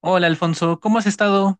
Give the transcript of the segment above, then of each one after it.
Hola Alfonso, ¿cómo has estado?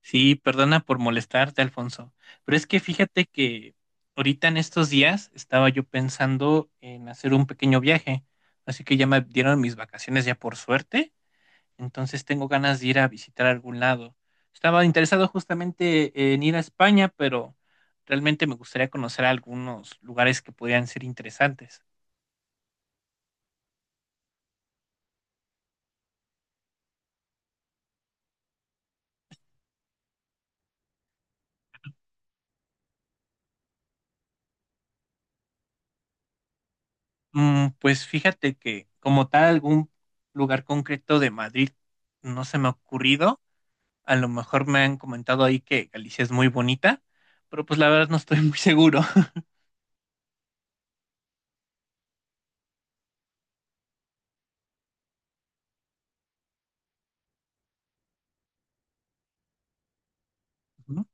Sí, perdona por molestarte, Alfonso, pero es que fíjate que ahorita en estos días estaba yo pensando en hacer un pequeño viaje, así que ya me dieron mis vacaciones ya por suerte, entonces tengo ganas de ir a visitar algún lado. Estaba interesado justamente en ir a España, pero realmente me gustaría conocer algunos lugares que podrían ser interesantes. Pues fíjate que como tal algún lugar concreto de Madrid no se me ha ocurrido. A lo mejor me han comentado ahí que Galicia es muy bonita, pero pues la verdad no estoy muy seguro. Ujú.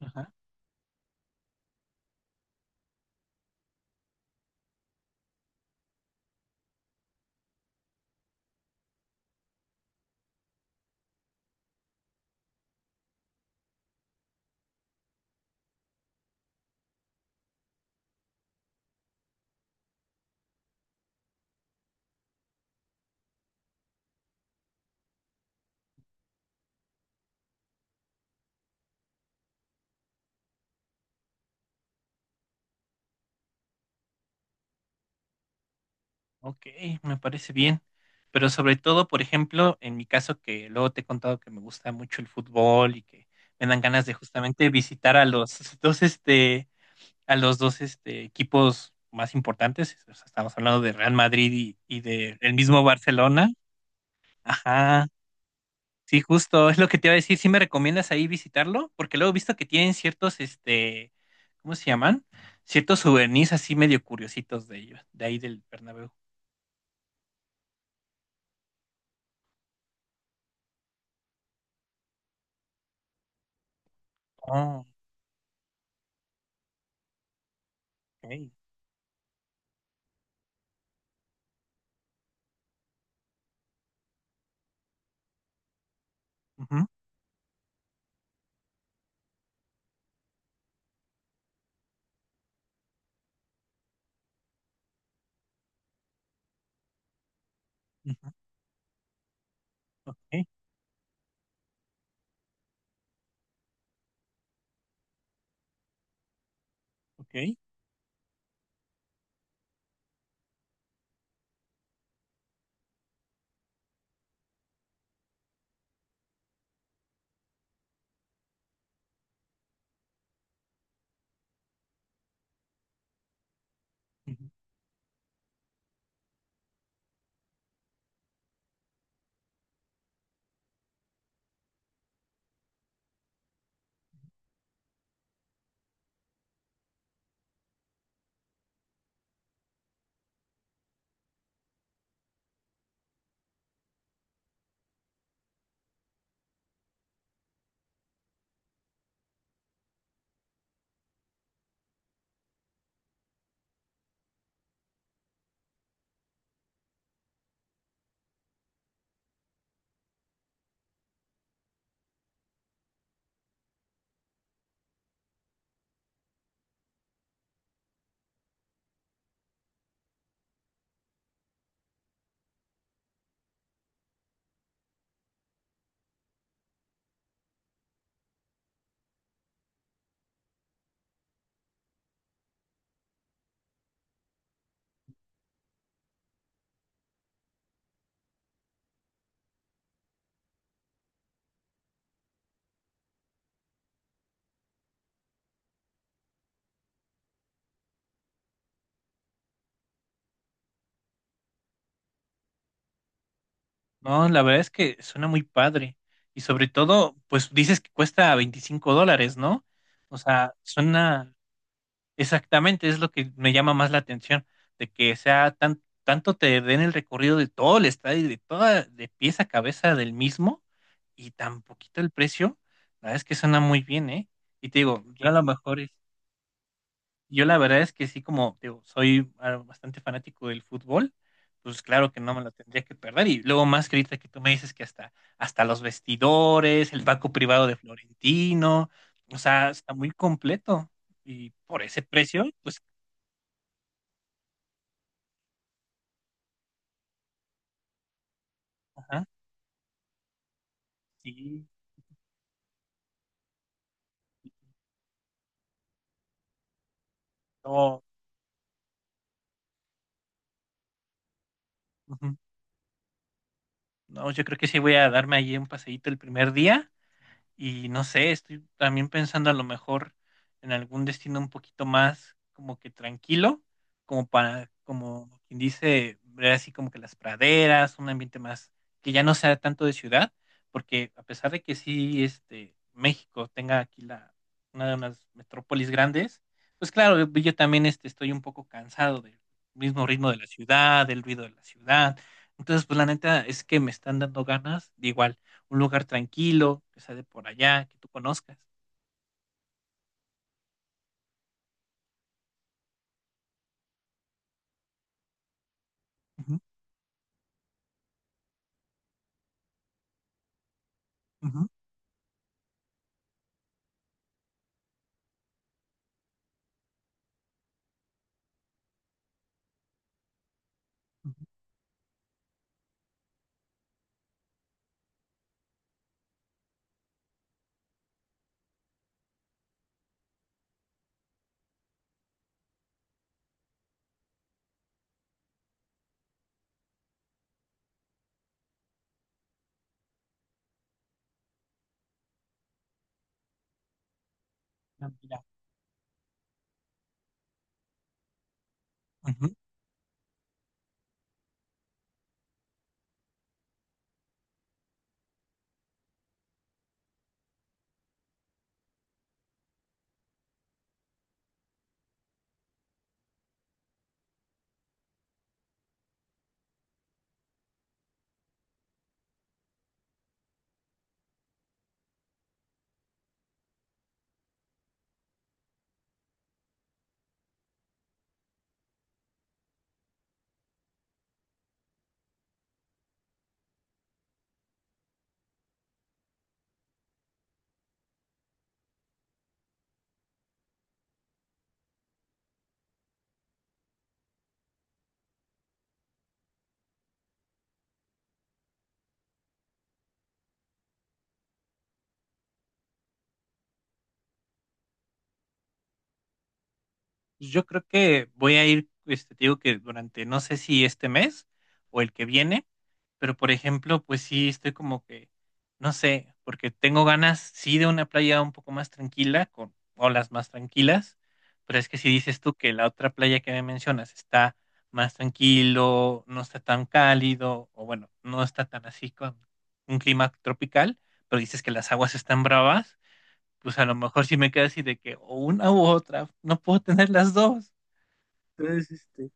Ajá. Ok, me parece bien. Pero sobre todo, por ejemplo, en mi caso, que luego te he contado que me gusta mucho el fútbol y que me dan ganas de justamente visitar a los dos, este, a los dos, este, equipos más importantes. O sea, estamos hablando de Real Madrid y de el mismo Barcelona. Ajá. Sí, justo, es lo que te iba a decir. ¿Sí me recomiendas ahí visitarlo? Porque luego he visto que tienen ciertos, este, ¿cómo se llaman? Ciertos souvenirs así medio curiositos de ellos, de ahí del Bernabéu. Oh, ok. Ujú, ujú, ok, ok. Ujú. No, la verdad es que suena muy padre. Y sobre todo, pues dices que cuesta $25, ¿no? O sea, suena, exactamente, es lo que me llama más la atención, de que sea tan, tanto te den el recorrido de todo el estadio, de toda, de pies a cabeza del mismo, y tan poquito el precio, la verdad es que suena muy bien, ¿eh? Y te digo, yo a lo mejor, es- yo la verdad es que sí, como te digo, soy bastante fanático del fútbol, pues claro que no me lo tendría que perder. Y luego más que ahorita que tú me dices que hasta, hasta los vestidores, el banco privado de Florentino, o sea, está muy completo. Y por ese precio, pues ajá, sí, no, ujú, no, yo creo que sí voy a darme allí un paseíto el primer día. Y no sé, estoy también pensando a lo mejor en algún destino un poquito más como que tranquilo, como para, como quien dice, ver así como que las praderas, un ambiente más que ya no sea tanto de ciudad, porque a pesar de que sí, este, México tenga aquí la, una de unas metrópolis grandes, pues claro, yo también este, estoy un poco cansado del mismo ritmo de la ciudad, del ruido de la ciudad. Entonces, pues la neta es que me están dando ganas de igual un lugar tranquilo, que sea de por allá, que tú conozcas. Ujú, ujú, ujú. Ah, mira. Pues, yo creo que voy a ir, este, te digo que durante, no sé si este mes o el que viene, pero por ejemplo, pues sí, estoy como que, no sé, porque tengo ganas, sí, de una playa un poco más tranquila, con olas más tranquilas, pero es que si dices tú que la otra playa que me mencionas está más tranquilo, no está tan cálido, o bueno, no está tan así con un clima tropical, pero dices que las aguas están bravas, pues a lo mejor si me queda así de que o una u otra, no puedo tener las dos. Entonces, este,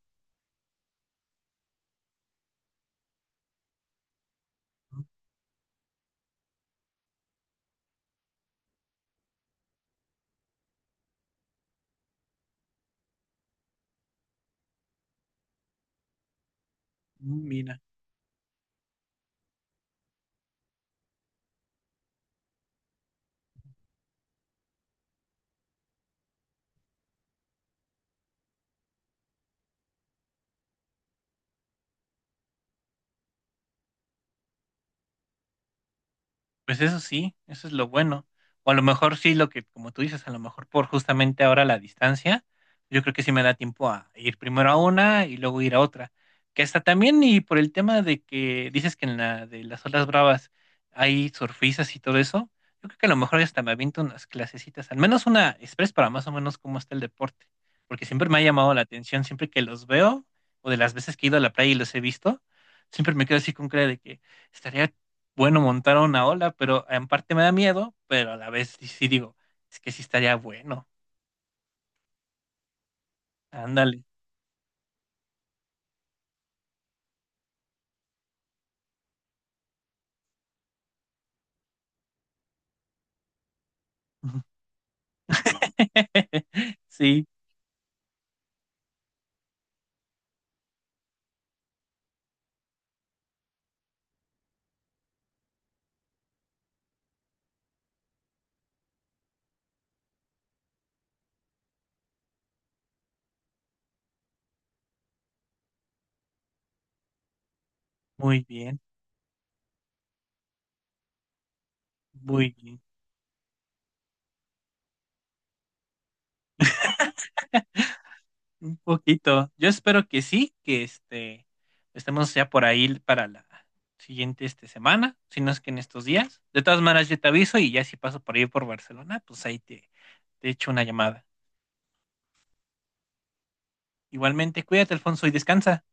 mira. Pues eso sí, eso es lo bueno. O a lo mejor sí, lo que, como tú dices, a lo mejor por justamente ahora la distancia, yo creo que sí me da tiempo a ir primero a una y luego ir a otra. Que hasta también, y por el tema de que dices que en la de las olas bravas hay surfistas y todo eso, yo creo que a lo mejor hasta me aviento unas clasecitas, al menos una express para más o menos cómo está el deporte. Porque siempre me ha llamado la atención, siempre que los veo, o de las veces que he ido a la playa y los he visto, siempre me quedo así con cara de que. Estaría bueno montar una ola, pero en parte me da miedo, pero a la vez sí, sí digo, es que sí estaría bueno. Ándale. Sí, muy bien, muy bien. Un poquito. Yo espero que sí, que este estemos ya por ahí para la siguiente este, semana, si no es que en estos días. De todas maneras, yo te aviso y ya si paso por ahí por Barcelona, pues ahí te, te echo una llamada. Igualmente, cuídate, Alfonso, y descansa.